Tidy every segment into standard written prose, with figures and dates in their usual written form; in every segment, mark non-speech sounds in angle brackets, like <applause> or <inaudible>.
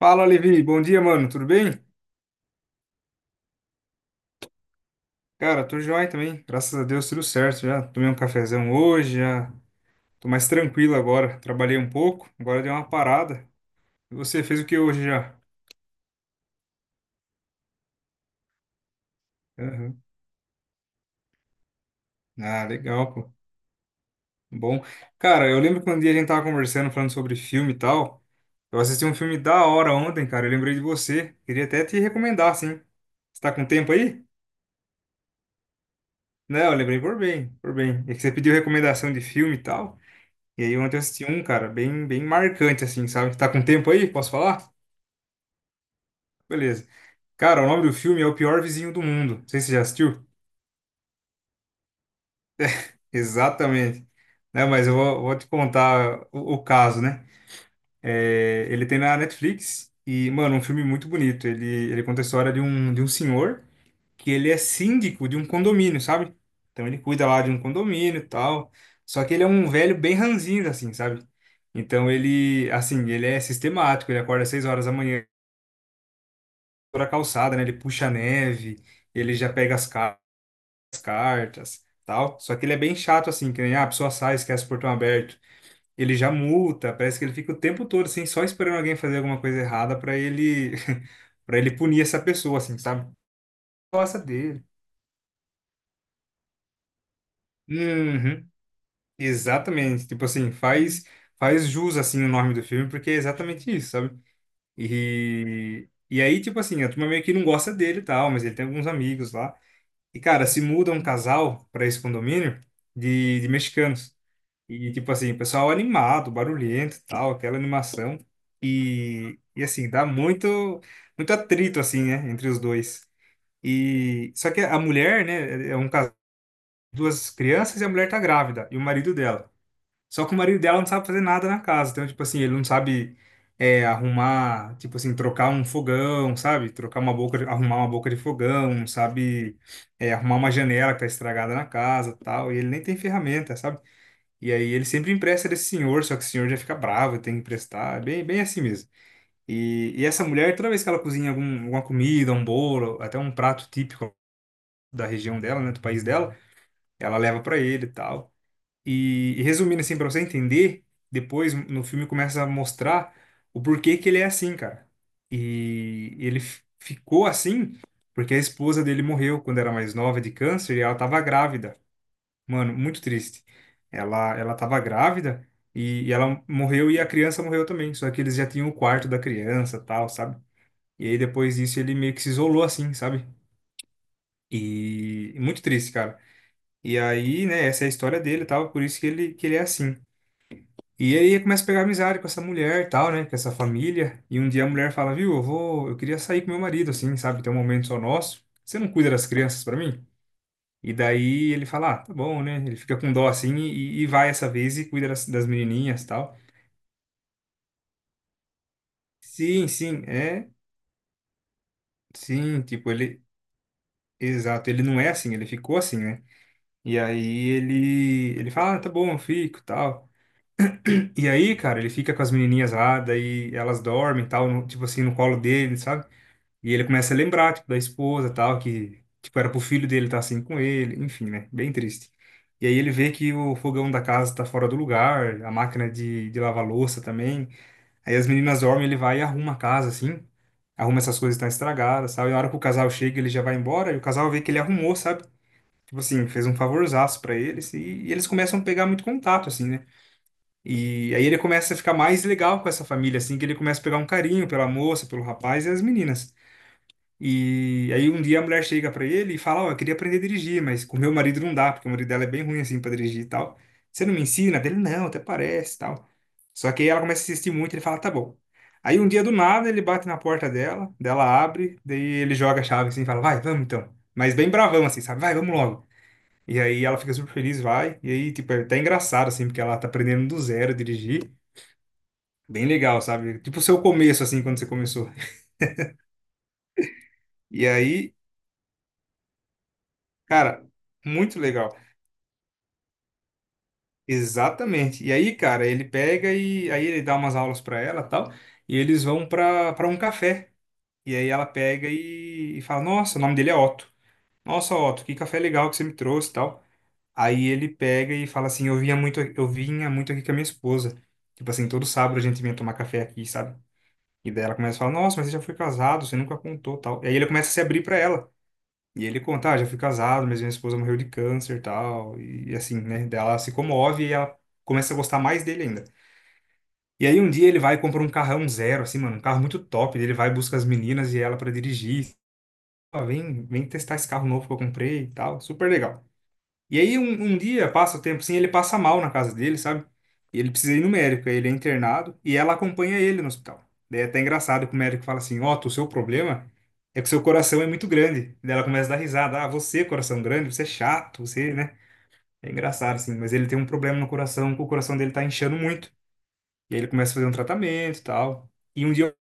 Fala, Levi. Bom dia, mano. Tudo bem? Cara, tô joia também. Graças a Deus, tudo certo. Já tomei um cafezão hoje, já tô mais tranquilo agora. Trabalhei um pouco, agora dei uma parada. E você fez o que hoje já? Aham. Ah, legal, pô. Bom. Cara, eu lembro que um dia a gente tava conversando, falando sobre filme e tal. Eu assisti um filme da hora ontem, cara. Eu lembrei de você. Queria até te recomendar, sim. Você tá com tempo aí? Não, eu lembrei por bem, por bem. É que você pediu recomendação de filme e tal. E aí ontem eu assisti um, cara, bem, bem marcante, assim, sabe? Tá com tempo aí? Posso falar? Beleza. Cara, o nome do filme é O Pior Vizinho do Mundo. Não sei se você já assistiu. Exatamente. Né, mas eu vou, te contar o caso, né? É, ele tem na Netflix e, mano, um filme muito bonito. Ele conta a história de um senhor que ele é síndico de um condomínio, sabe? Então ele cuida lá de um condomínio e tal. Só que ele é um velho bem ranzinza, assim, sabe? Então ele, assim, ele é sistemático, ele acorda às 6 horas da manhã, toda a calçada, né? Ele puxa a neve, ele já pega as cartas, tal. Só que ele é bem chato assim, que nem a pessoa sai, esquece o portão aberto. Ele já multa, parece que ele fica o tempo todo assim, só esperando alguém fazer alguma coisa errada para ele <laughs> para ele punir essa pessoa assim, sabe? Gosta dele. Uhum, exatamente. Tipo assim, faz jus assim o nome do filme, porque é exatamente isso, sabe? E aí, tipo assim, a turma meio que não gosta dele e tal, mas ele tem alguns amigos lá. E, cara, se muda um casal para esse condomínio de mexicanos. E, tipo assim, o pessoal animado, barulhento e tal, aquela animação. E assim, dá muito, muito atrito, assim, né, entre os dois. E, só que a mulher, né, é um casal, duas crianças e a mulher tá grávida, e o marido dela. Só que o marido dela não sabe fazer nada na casa. Então, tipo assim, ele não sabe arrumar, tipo assim, trocar um fogão, sabe? Trocar uma boca, arrumar uma boca de fogão, não sabe arrumar uma janela que tá estragada na casa, tal. E ele nem tem ferramenta, sabe? E aí ele sempre empresta desse senhor, só que o senhor já fica bravo, tem que emprestar, é bem, bem assim mesmo. E essa mulher, toda vez que ela cozinha algum, alguma comida, um bolo, até um prato típico da região dela, né, do país dela, ela leva para ele e tal. E resumindo assim pra você entender, depois no filme começa a mostrar o porquê que ele é assim, cara. E ele ficou assim porque a esposa dele morreu quando era mais nova de câncer e ela tava grávida. Mano, muito triste. Ela tava grávida e ela morreu e a criança morreu também, só que eles já tinham o quarto da criança, tal, sabe? E aí depois disso ele meio que se isolou assim, sabe? E muito triste, cara. E aí, né, essa é a história dele, e tal, por isso que ele é assim. E aí começa a pegar amizade com essa mulher e tal, né? Com essa família. E um dia a mulher fala, viu, eu queria sair com meu marido, assim, sabe? Ter um momento só nosso. Você não cuida das crianças pra mim? E daí ele fala, ah, tá bom, né? Ele fica com dó assim e vai essa vez e cuida das menininhas e tal. Sim, sim, é, sim, tipo, ele, exato, ele não é assim, ele ficou assim, né? E aí ele fala, ah, tá bom, eu fico, e tal. E aí, cara, ele fica com as menininhas lá, daí elas dormem, e tal, tipo assim, no colo dele, sabe? E ele começa a lembrar, tipo, da esposa, tal, que, tipo, era pro filho dele estar assim com ele, enfim, né? Bem triste. E aí ele vê que o fogão da casa tá fora do lugar, a máquina de lavar louça também. Aí as meninas dormem, ele vai e arruma a casa, assim, arruma essas coisas que estão estragadas, sabe? E na hora que o casal chega, ele já vai embora, e o casal vê que ele arrumou, sabe? Tipo assim, fez um favorzaço pra eles, e eles começam a pegar muito contato, assim, né? E aí ele começa a ficar mais legal com essa família, assim, que ele começa a pegar um carinho pela moça, pelo rapaz e as meninas. E aí um dia a mulher chega pra ele e fala, ó, eu queria aprender a dirigir, mas com meu marido não dá, porque o marido dela é bem ruim assim pra dirigir e tal. Você não me ensina? Dele, não, até parece, e tal. Só que aí ela começa a insistir muito, ele fala, tá bom. Aí um dia do nada ele bate na porta dela, dela abre, daí ele joga a chave assim, e fala, vai, vamos então. Mas bem bravão assim, sabe? Vai, vamos logo. E aí ela fica super feliz, vai. E aí, tipo, é até engraçado assim, porque ela tá aprendendo do zero a dirigir. Bem legal, sabe? Tipo o seu começo assim, quando você começou. E aí, cara, muito legal. Exatamente. E aí, cara, ele pega e aí ele dá umas aulas pra ela, tal, e eles vão pra para um café. E aí ela pega e fala: "Nossa, o nome dele é Otto. Nossa, Otto, que café legal que você me trouxe", tal. Aí ele pega e fala assim: eu vinha muito aqui com a minha esposa. Tipo assim, todo sábado a gente vinha tomar café aqui, sabe?" E daí ela começa a falar: "Nossa, mas você já foi casado, você nunca contou", tal. E aí ele começa a se abrir pra ela. E ele conta, ah, já fui casado, mas minha esposa morreu de câncer e tal. E assim, né? Daí ela se comove e ela começa a gostar mais dele ainda. E aí um dia ele vai e compra um carrão zero, assim, mano, um carro muito top. Ele vai busca as meninas e ela pra dirigir. Ah, vem, vem testar esse carro novo que eu comprei e tal. Super legal. E aí um dia passa o tempo assim, ele passa mal na casa dele, sabe? E ele precisa ir no médico, aí ele é internado e ela acompanha ele no hospital. Daí é até engraçado que o médico fala assim: Ó, o seu problema é que o seu coração é muito grande. Daí ela começa a dar risada: Ah, você, coração grande, você é chato, você, né? É engraçado assim, mas ele tem um problema no coração, que o coração dele tá inchando muito. E aí ele começa a fazer um tratamento e tal. E um dia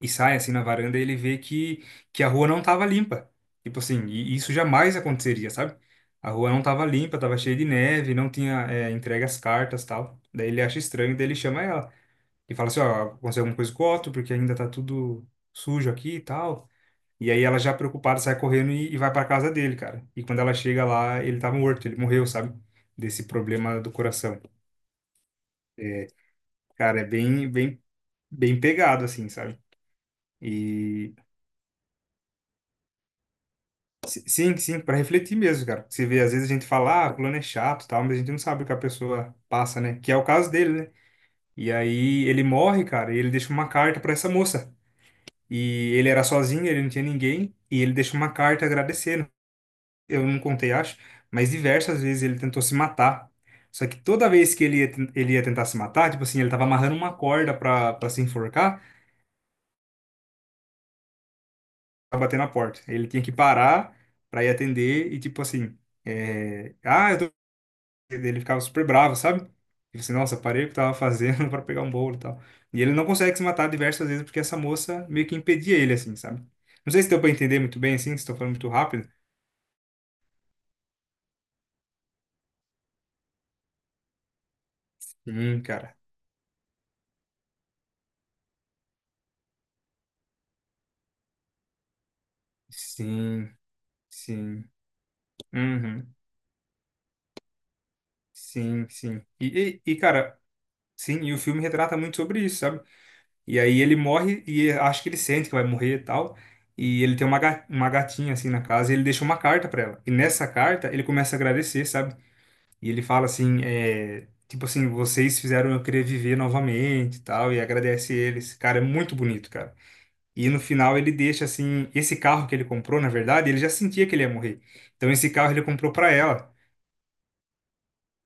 e sai assim na varanda e ele vê que a rua não tava limpa. Tipo assim, e isso jamais aconteceria, sabe? A rua não tava limpa, tava cheia de neve, não tinha entregue as cartas tal. Daí ele acha estranho, daí ele chama ela e fala assim, ó, aconteceu alguma coisa com o Otto, porque ainda tá tudo sujo aqui e tal. E aí ela já preocupada sai correndo e vai pra casa dele, cara. E quando ela chega lá, ele tava morto, ele morreu, sabe? Desse problema do coração. Cara, é bem, bem, bem pegado assim, sabe? E Sim, sim, para refletir mesmo, cara. Você vê, às vezes a gente fala, ah, fulano é chato, e tal, mas a gente não sabe o que a pessoa passa, né? Que é o caso dele, né? E aí ele morre, cara, e ele deixa uma carta para essa moça. E ele era sozinho, ele não tinha ninguém, e ele deixa uma carta agradecendo. Eu não contei, acho, mas diversas vezes ele tentou se matar. Só que toda vez que ele ia tentar se matar, tipo assim, ele tava amarrando uma corda pra se enforcar, pra bater na porta. Ele tinha que parar pra ir atender e, tipo assim, eu tô. Ele ficava super bravo, sabe? Ele disse, nossa, parei o que tava fazendo <laughs> para pegar um bolo e tal. E ele não consegue se matar diversas vezes porque essa moça meio que impedia ele, assim, sabe? Não sei se deu pra entender muito bem, assim, se estou falando muito rápido. Sim, cara. Sim, sim. Uhum. Sim, sim. E, cara, sim, e o filme retrata muito sobre isso, sabe? E aí ele morre e acho que ele sente que vai morrer e tal. E ele tem uma, uma gatinha, assim, na casa e ele deixa uma carta pra ela. E nessa carta ele começa a agradecer, sabe? E ele fala assim, tipo assim, vocês fizeram eu querer viver novamente e tal, e agradece eles. Cara, é muito bonito, cara. E no final ele deixa assim, esse carro que ele comprou, na verdade, ele já sentia que ele ia morrer. Então esse carro ele comprou pra ela.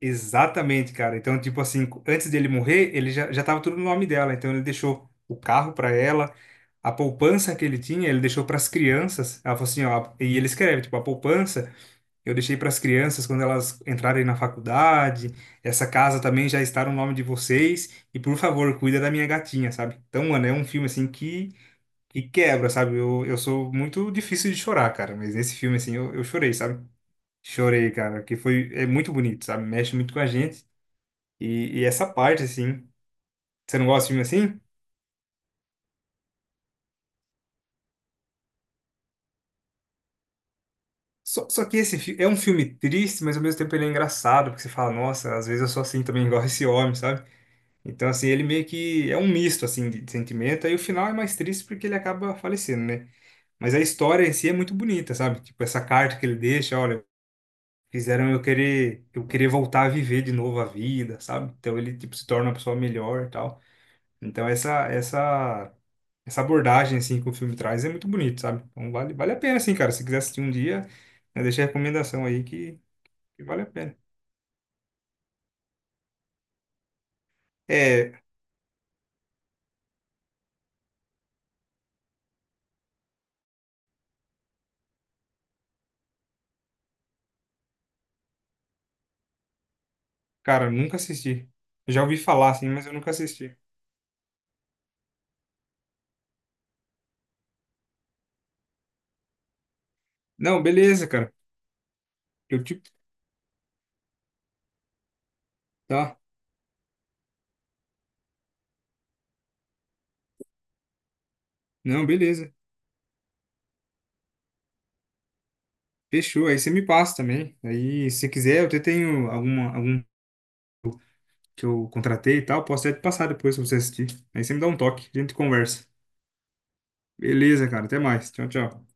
Exatamente, cara. Então, tipo assim, antes dele morrer, ele já tava tudo no nome dela. Então ele deixou o carro pra ela, a poupança que ele tinha, ele deixou pras crianças. Ela falou assim, ó, e ele escreve, tipo, a poupança eu deixei para as crianças quando elas entrarem na faculdade. Essa casa também já está no nome de vocês. E por favor, cuida da minha gatinha, sabe? Então, mano, é um filme assim que, quebra, sabe? Eu sou muito difícil de chorar, cara. Mas nesse filme, assim, eu chorei, sabe? Chorei, cara, que foi, é muito bonito, sabe? Mexe muito com a gente. E essa parte, assim, você não gosta de filme assim? Só que esse é um filme triste, mas ao mesmo tempo ele é engraçado, porque você fala, nossa, às vezes eu sou assim também, <laughs> igual esse homem, sabe? Então, assim, ele meio que é um misto, assim, de sentimento. Aí o final é mais triste porque ele acaba falecendo, né? Mas a história em si é muito bonita, sabe? Tipo, essa carta que ele deixa, olha, fizeram eu querer voltar a viver de novo a vida, sabe? Então ele, tipo, se torna uma pessoa melhor e tal. Então essa, essa abordagem, assim, que o filme traz é muito bonito, sabe? Então vale a pena, assim, cara. Se quiser assistir um dia, né, deixa a recomendação aí que, vale a pena. É, cara, nunca assisti. Já ouvi falar, assim, mas eu nunca assisti. Não, beleza, cara. Eu te. Tá. Não, beleza. Fechou. Aí você me passa também. Aí, se quiser, eu até tenho algum que eu contratei e tal. Posso até te passar depois pra você assistir. Aí você me dá um toque. A gente conversa. Beleza, cara. Até mais. Tchau, tchau.